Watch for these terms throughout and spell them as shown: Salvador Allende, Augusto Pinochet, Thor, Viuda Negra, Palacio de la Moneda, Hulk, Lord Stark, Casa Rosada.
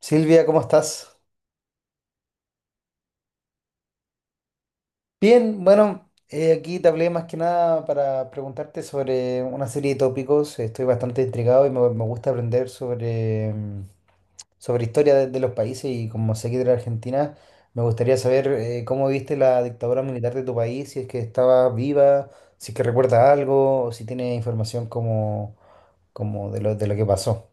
Silvia, ¿cómo estás? Bien, bueno, aquí te hablé más que nada para preguntarte sobre una serie de tópicos. Estoy bastante intrigado y me gusta aprender sobre historia de los países y como sé que de la Argentina, me gustaría saber cómo viste la dictadura militar de tu país, si es que estaba viva, si es que recuerda algo o si tiene información como de lo que pasó.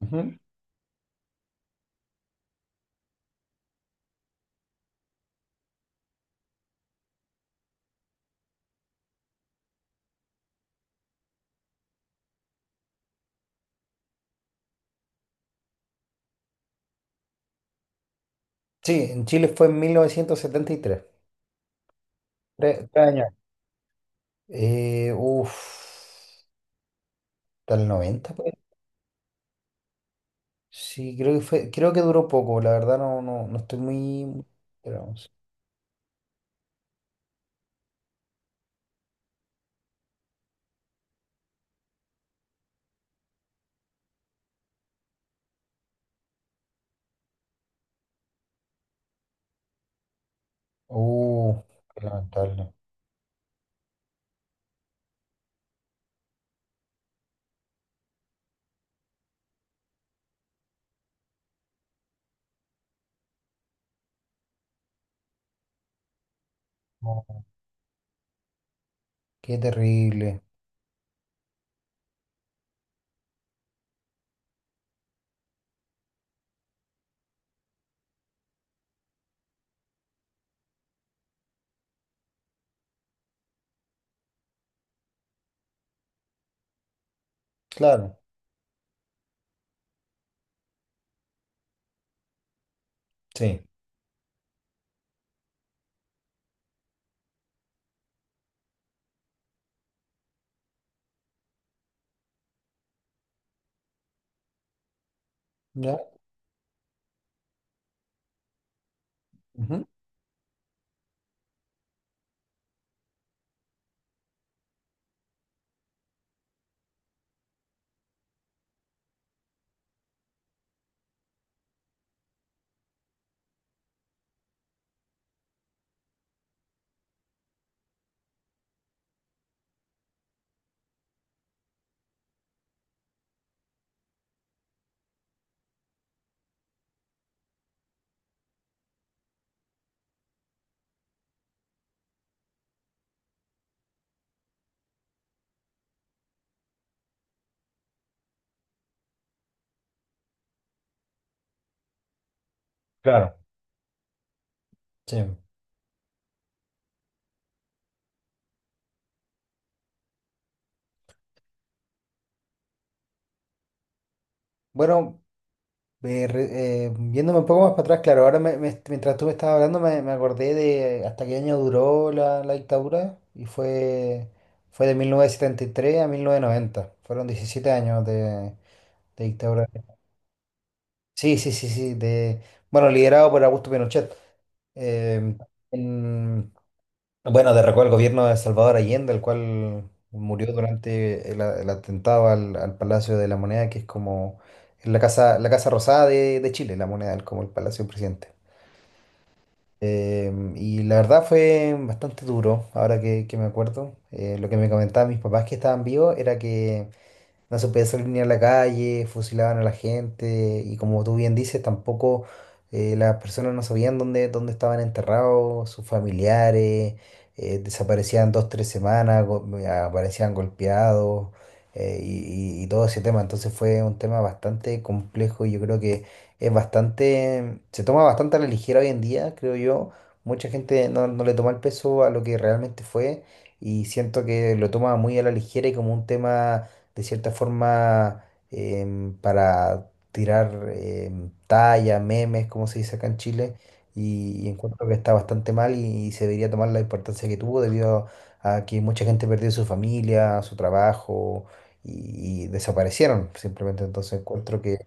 Ujú. Sí, en Chile fue en 1973, tres años. Uf. Hasta el 90, pues. Sí, creo que fue, creo que duró poco, la verdad, no estoy muy. Pero vamos. Uh, Qué lamentable. No, qué terrible. Claro, sí, ya. Ujú, claro. Sí. Bueno, yéndome un poco más para atrás, claro, ahora mientras tú me estabas hablando me acordé de hasta qué año duró la dictadura y fue de 1973 a 1990. Fueron 17 años de dictadura. Sí, sí, sí, sí. De, bueno, liderado por Augusto Pinochet. eh, en- bueno, derrocó al gobierno de Salvador Allende, el cual murió durante el atentado al Palacio de la Moneda, que es como es la Casa Rosada de Chile, la Moneda, como el Palacio del Presidente. Y la verdad fue bastante duro, ahora que me acuerdo. Lo que me comentaban mis papás que estaban vivos era que no se podía salir ni a la calle, fusilaban a la gente y, como tú bien dices, tampoco las personas no sabían dónde estaban enterrados sus familiares, desaparecían dos, tres semanas, aparecían golpeados y todo ese tema. Entonces fue un tema bastante complejo y yo creo que es bastante, se toma bastante a la ligera hoy en día, creo yo. Mucha gente no le toma el peso a lo que realmente fue y siento que lo toma muy a la ligera y como un tema de cierta forma, para tirar talla, memes, como se dice acá en Chile, y encuentro que está bastante mal, y se debería tomar la importancia que tuvo, debido a que mucha gente perdió su familia, su trabajo, y desaparecieron simplemente. Entonces encuentro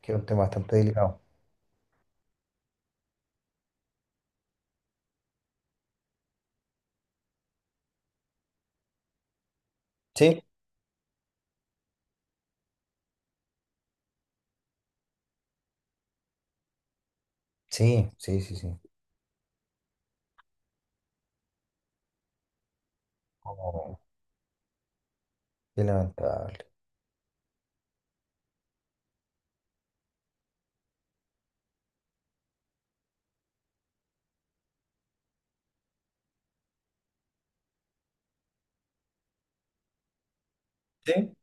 que es un tema bastante delicado. Sí, sí, sí, sí, sí. Oh, qué lamentable. Sí.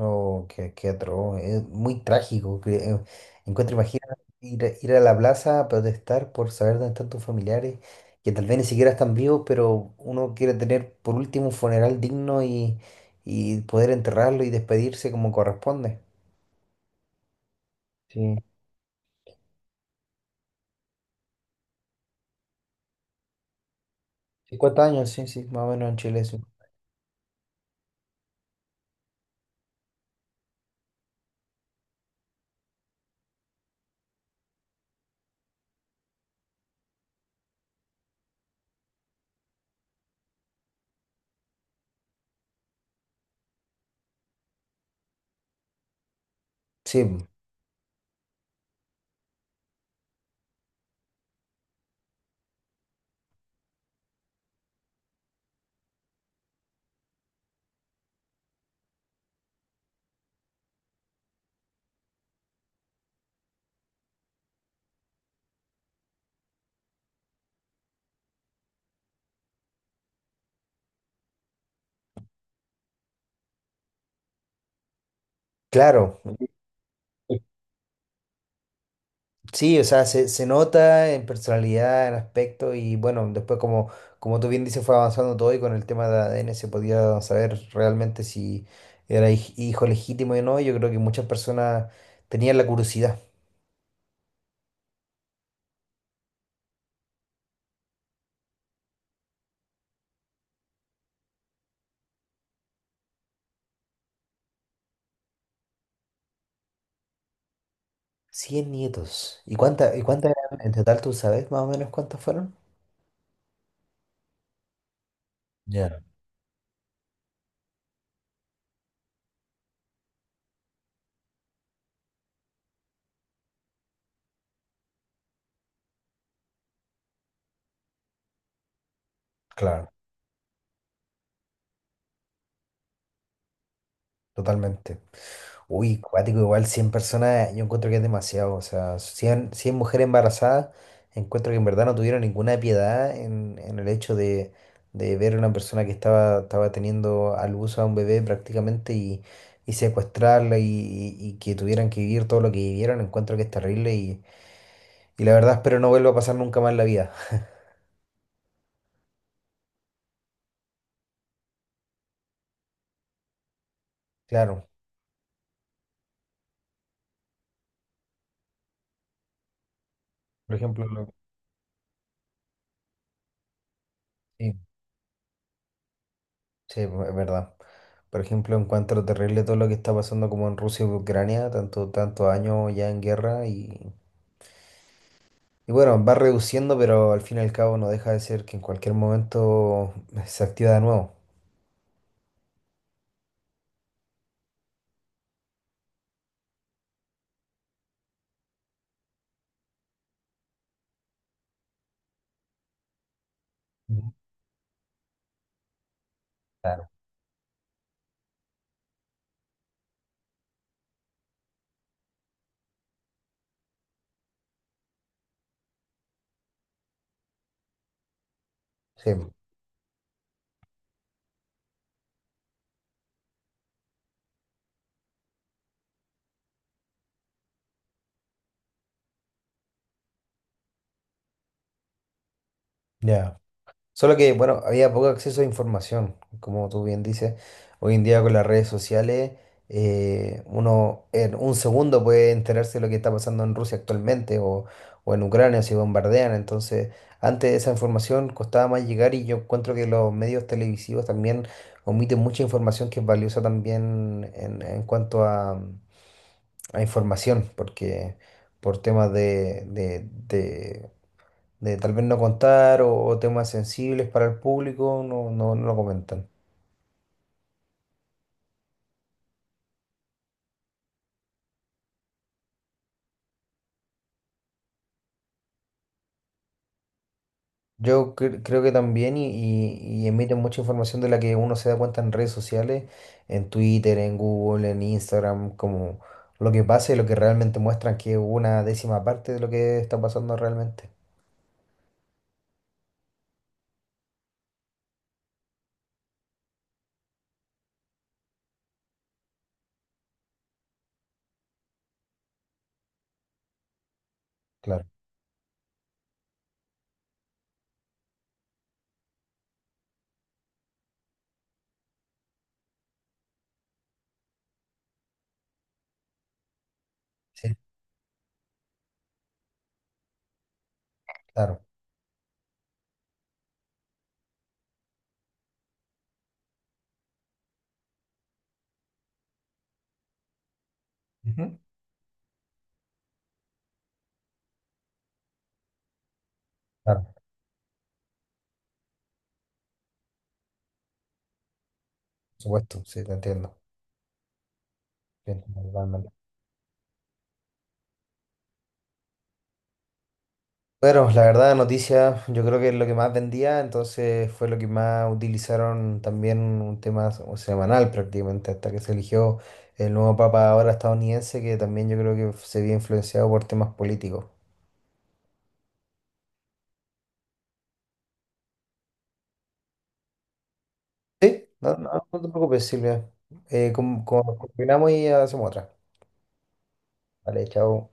Oh, qué atroz, es muy trágico. Que, encuentro, imagina a ir a la plaza a protestar por saber dónde están tus familiares, que tal vez ni siquiera están vivos, pero uno quiere tener por último un funeral digno, y poder enterrarlo y despedirse como corresponde. Sí, 50 años, sí, sí, más o menos en Chile, sí. Sí, claro. Sí, o sea, se nota en personalidad, en aspecto y bueno, después como tú bien dices, fue avanzando todo y con el tema de ADN se podía saber realmente si era hijo legítimo o no. Yo creo que muchas personas tenían la curiosidad. 100 nietos. Y cuántas eran en total? ¿Tú sabes más o menos cuántas fueron? Ya, claro. Totalmente. Uy, cuático, igual 100 personas, yo encuentro que es demasiado. O sea, cien mujeres embarazadas, encuentro que en verdad no tuvieron ninguna piedad en el hecho de ver a una persona que estaba teniendo al uso a un bebé prácticamente, y secuestrarla y que tuvieran que vivir todo lo que vivieron. Encuentro que es terrible, y la verdad espero no vuelva a pasar nunca más en la vida. Claro, por ejemplo, sí. Sí, pues, es verdad. Por ejemplo, encuentro terrible todo lo que está pasando como en Rusia y Ucrania, tantos años ya en guerra, y bueno, va reduciendo, pero al fin y al cabo no deja de ser que en cualquier momento se activa de nuevo. Ujú. Claro. Sí, ya. Solo que, bueno, había poco acceso a información, como tú bien dices. Hoy en día, con las redes sociales, uno en un segundo puede enterarse de lo que está pasando en Rusia actualmente, o en Ucrania si bombardean. Entonces, antes esa información costaba más llegar, y yo encuentro que los medios televisivos también omiten mucha información que es valiosa también, en cuanto a información, porque por temas de tal vez no contar, o temas sensibles para el público, no, no, no lo comentan. Yo creo que también, y emiten mucha información de la que uno se da cuenta en redes sociales, en Twitter, en Google, en Instagram, como lo que pasa y lo que realmente muestran, que es una décima parte de lo que está pasando realmente. Claro, sí, claro. Ujú. Claro, por supuesto, sí, te entiendo. Bien. Bueno, la verdad, noticia, yo creo que es lo que más vendía, entonces fue lo que más utilizaron también, un tema semanal prácticamente, hasta que se eligió el nuevo papa, ahora estadounidense, que también yo creo que se vio influenciado por temas políticos. No, no, no te preocupes, Silvia. Combinamos y hacemos otra. Vale, chao.